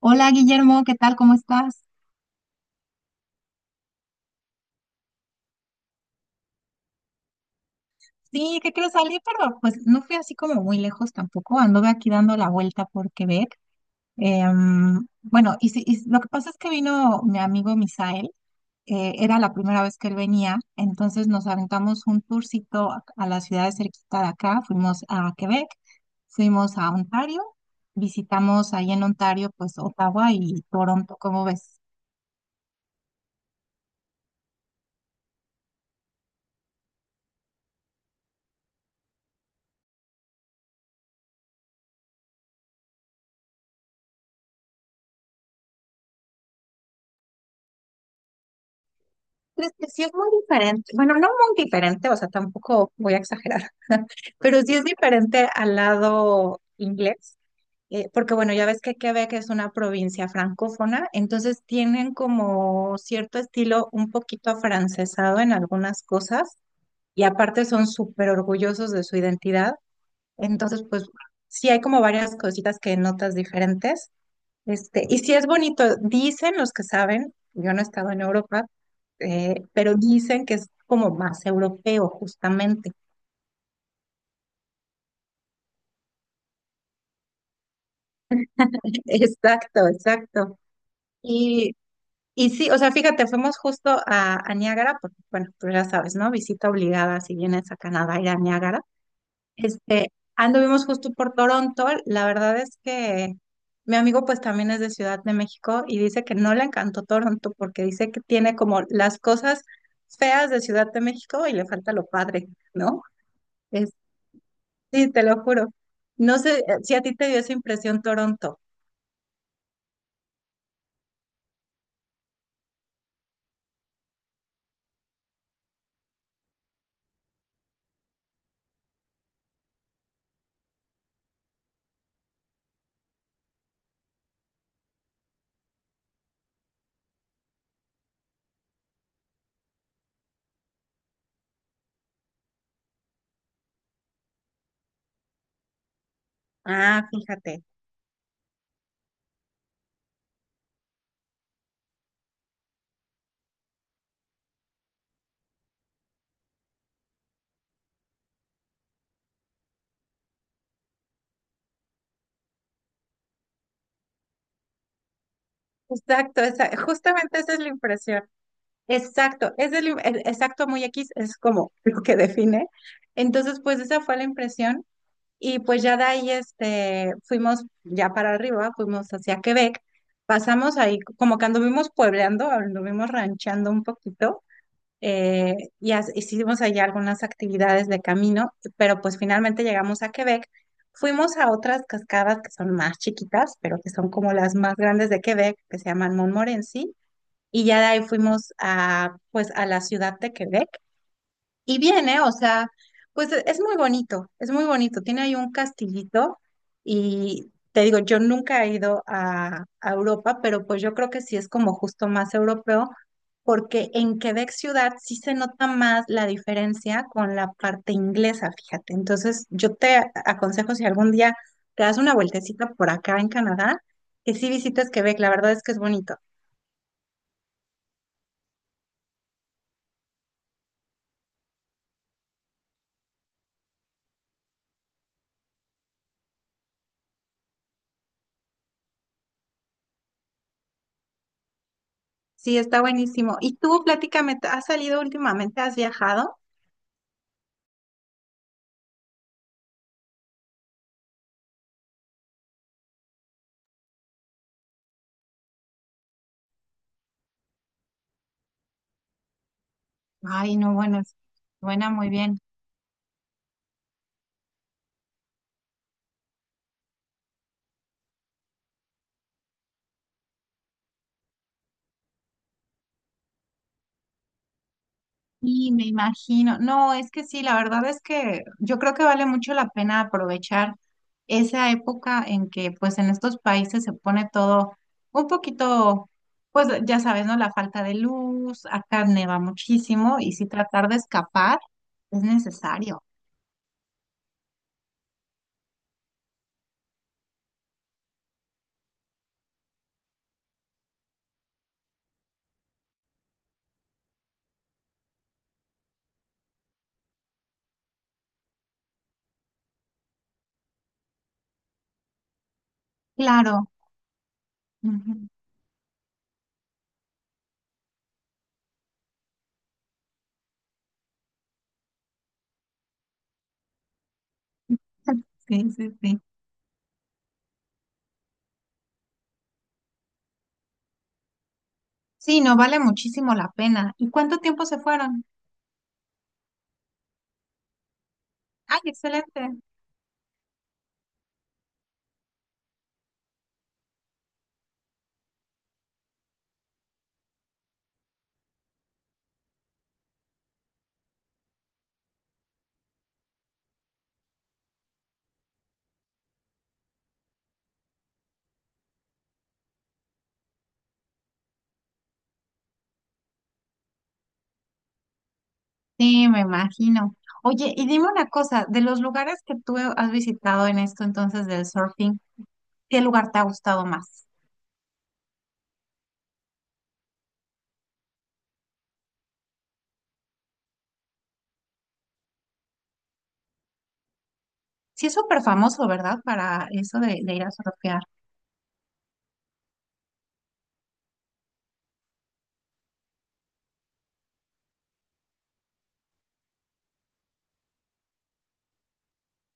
Hola Guillermo, ¿qué tal? ¿Cómo estás? Sí, que quiero salir, pero pues no fui así como muy lejos tampoco. Anduve aquí dando la vuelta por Quebec. Bueno, y, y lo que pasa es que vino mi amigo Misael, era la primera vez que él venía, entonces nos aventamos un tourcito a la ciudad de cerquita de acá. Fuimos a Quebec, fuimos a Ontario, visitamos ahí en Ontario, pues Ottawa y Toronto, ¿cómo ves? Pues que sí es muy diferente, bueno, no muy diferente, o sea, tampoco voy a exagerar, pero sí es diferente al lado inglés, porque bueno, ya ves que Quebec es una provincia francófona, entonces tienen como cierto estilo un poquito afrancesado en algunas cosas y aparte son súper orgullosos de su identidad, entonces pues sí hay como varias cositas que notas diferentes. Este, y sí es bonito, dicen los que saben, yo no he estado en Europa, pero dicen que es como más europeo, justamente. Exacto, exacto. Y, y sí, o sea, fíjate, fuimos justo a Niágara, porque bueno, tú ya sabes, ¿no? Visita obligada si vienes a Canadá ir a Niágara. Este, anduvimos justo por Toronto. La verdad es que mi amigo pues también es de Ciudad de México y dice que no le encantó Toronto porque dice que tiene como las cosas feas de Ciudad de México y le falta lo padre, ¿no? Es- sí, te lo juro. No sé si a ti te dio esa impresión Toronto. Ah, fíjate. Exacto, justamente esa es la impresión. Exacto, es el exacto muy X, es como lo que define. Entonces, pues esa fue la impresión. Y pues ya de ahí este, fuimos ya para arriba, fuimos hacia Quebec, pasamos ahí, como que anduvimos puebleando, anduvimos ranchando un poquito, hicimos allá algunas actividades de camino, pero pues finalmente llegamos a Quebec. Fuimos a otras cascadas que son más chiquitas, pero que son como las más grandes de Quebec, que se llaman Montmorency, y ya de ahí fuimos a, pues, a la ciudad de Quebec y viene, o sea, pues es muy bonito, es muy bonito. Tiene ahí un castillito y te digo, yo nunca he ido a Europa, pero pues yo creo que sí es como justo más europeo, porque en Quebec ciudad sí se nota más la diferencia con la parte inglesa, fíjate. Entonces, yo te aconsejo si algún día te das una vueltecita por acá en Canadá, que sí visites Quebec, la verdad es que es bonito. Sí, está buenísimo. ¿Y tú, platícame, has salido últimamente? ¿Has viajado? Ay, no, bueno, suena muy bien. Y me imagino, no, es que sí, la verdad es que yo creo que vale mucho la pena aprovechar esa época en que pues en estos países se pone todo un poquito, pues ya sabes, ¿no? La falta de luz, acá neva muchísimo y si tratar de escapar es necesario. Claro. Ujú. Sí, sí, sí. Sí, no vale muchísimo la pena. ¿Y cuánto tiempo se fueron? Ay, excelente. Sí, me imagino. Oye, y dime una cosa, de los lugares que tú has visitado en esto entonces del surfing, ¿qué lugar te ha gustado más? Sí, es súper famoso, ¿verdad? Para eso de ir a surfear.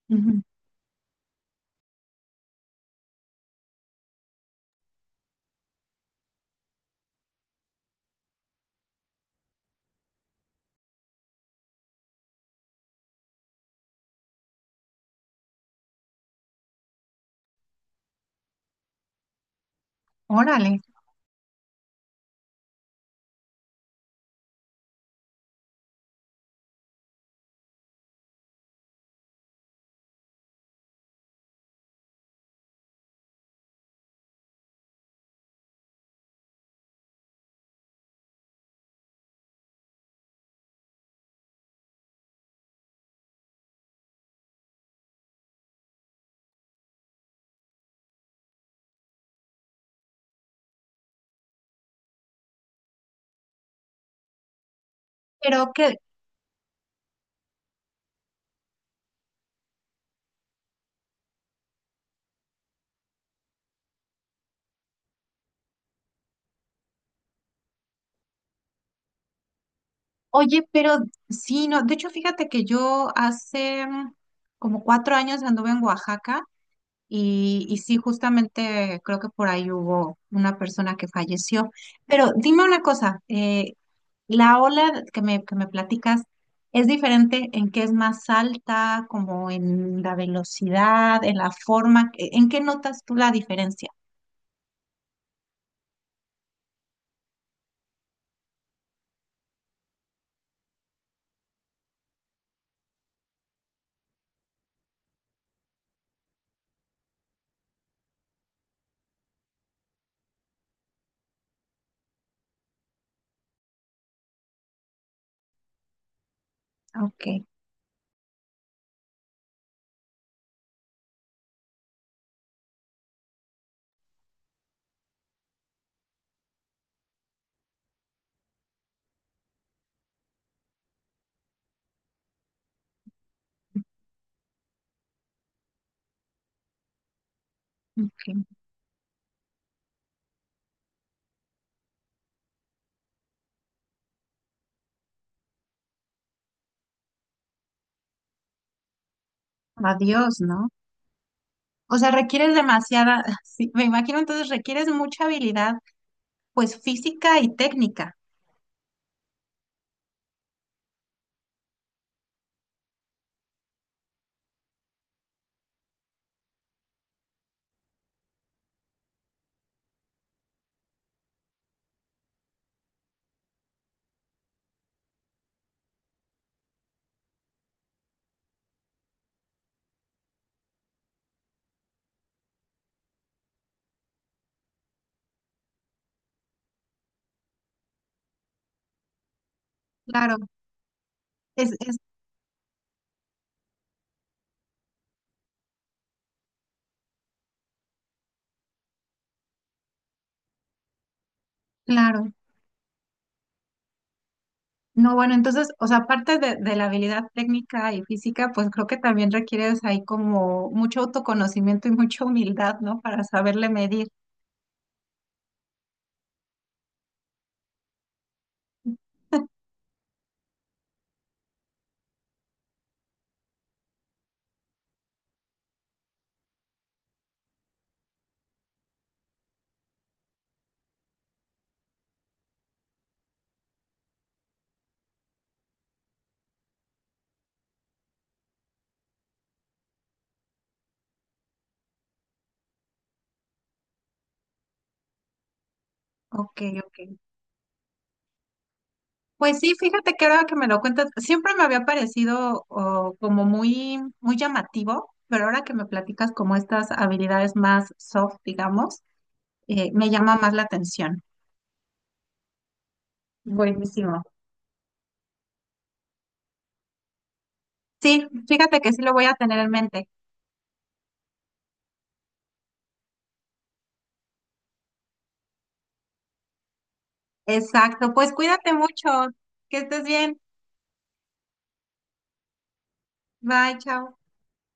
Ujú. Órale. Pero que, oye, pero sí, no, de hecho, fíjate que yo hace como 4 años anduve en Oaxaca y sí, justamente creo que por ahí hubo una persona que falleció. Pero dime una cosa, la ola que me platicas es diferente en que es más alta, como en la velocidad, en la forma. ¿En qué notas tú la diferencia? Ok, ok. Adiós, ¿no? O sea, requieres demasiada, sí, me imagino entonces requieres mucha habilidad, pues física y técnica. Claro, es claro. No, bueno, entonces, o sea, aparte de la habilidad técnica y física, pues creo que también requieres ahí como mucho autoconocimiento y mucha humildad, ¿no? Para saberle medir. Ok, ok. Pues sí, fíjate que ahora que me lo cuentas, siempre me había parecido oh, como muy, muy llamativo, pero ahora que me platicas como estas habilidades más soft, digamos, me llama más la atención. Buenísimo. Sí, fíjate que sí lo voy a tener en mente. Exacto. Pues cuídate mucho. Que estés bien. Bye, chao.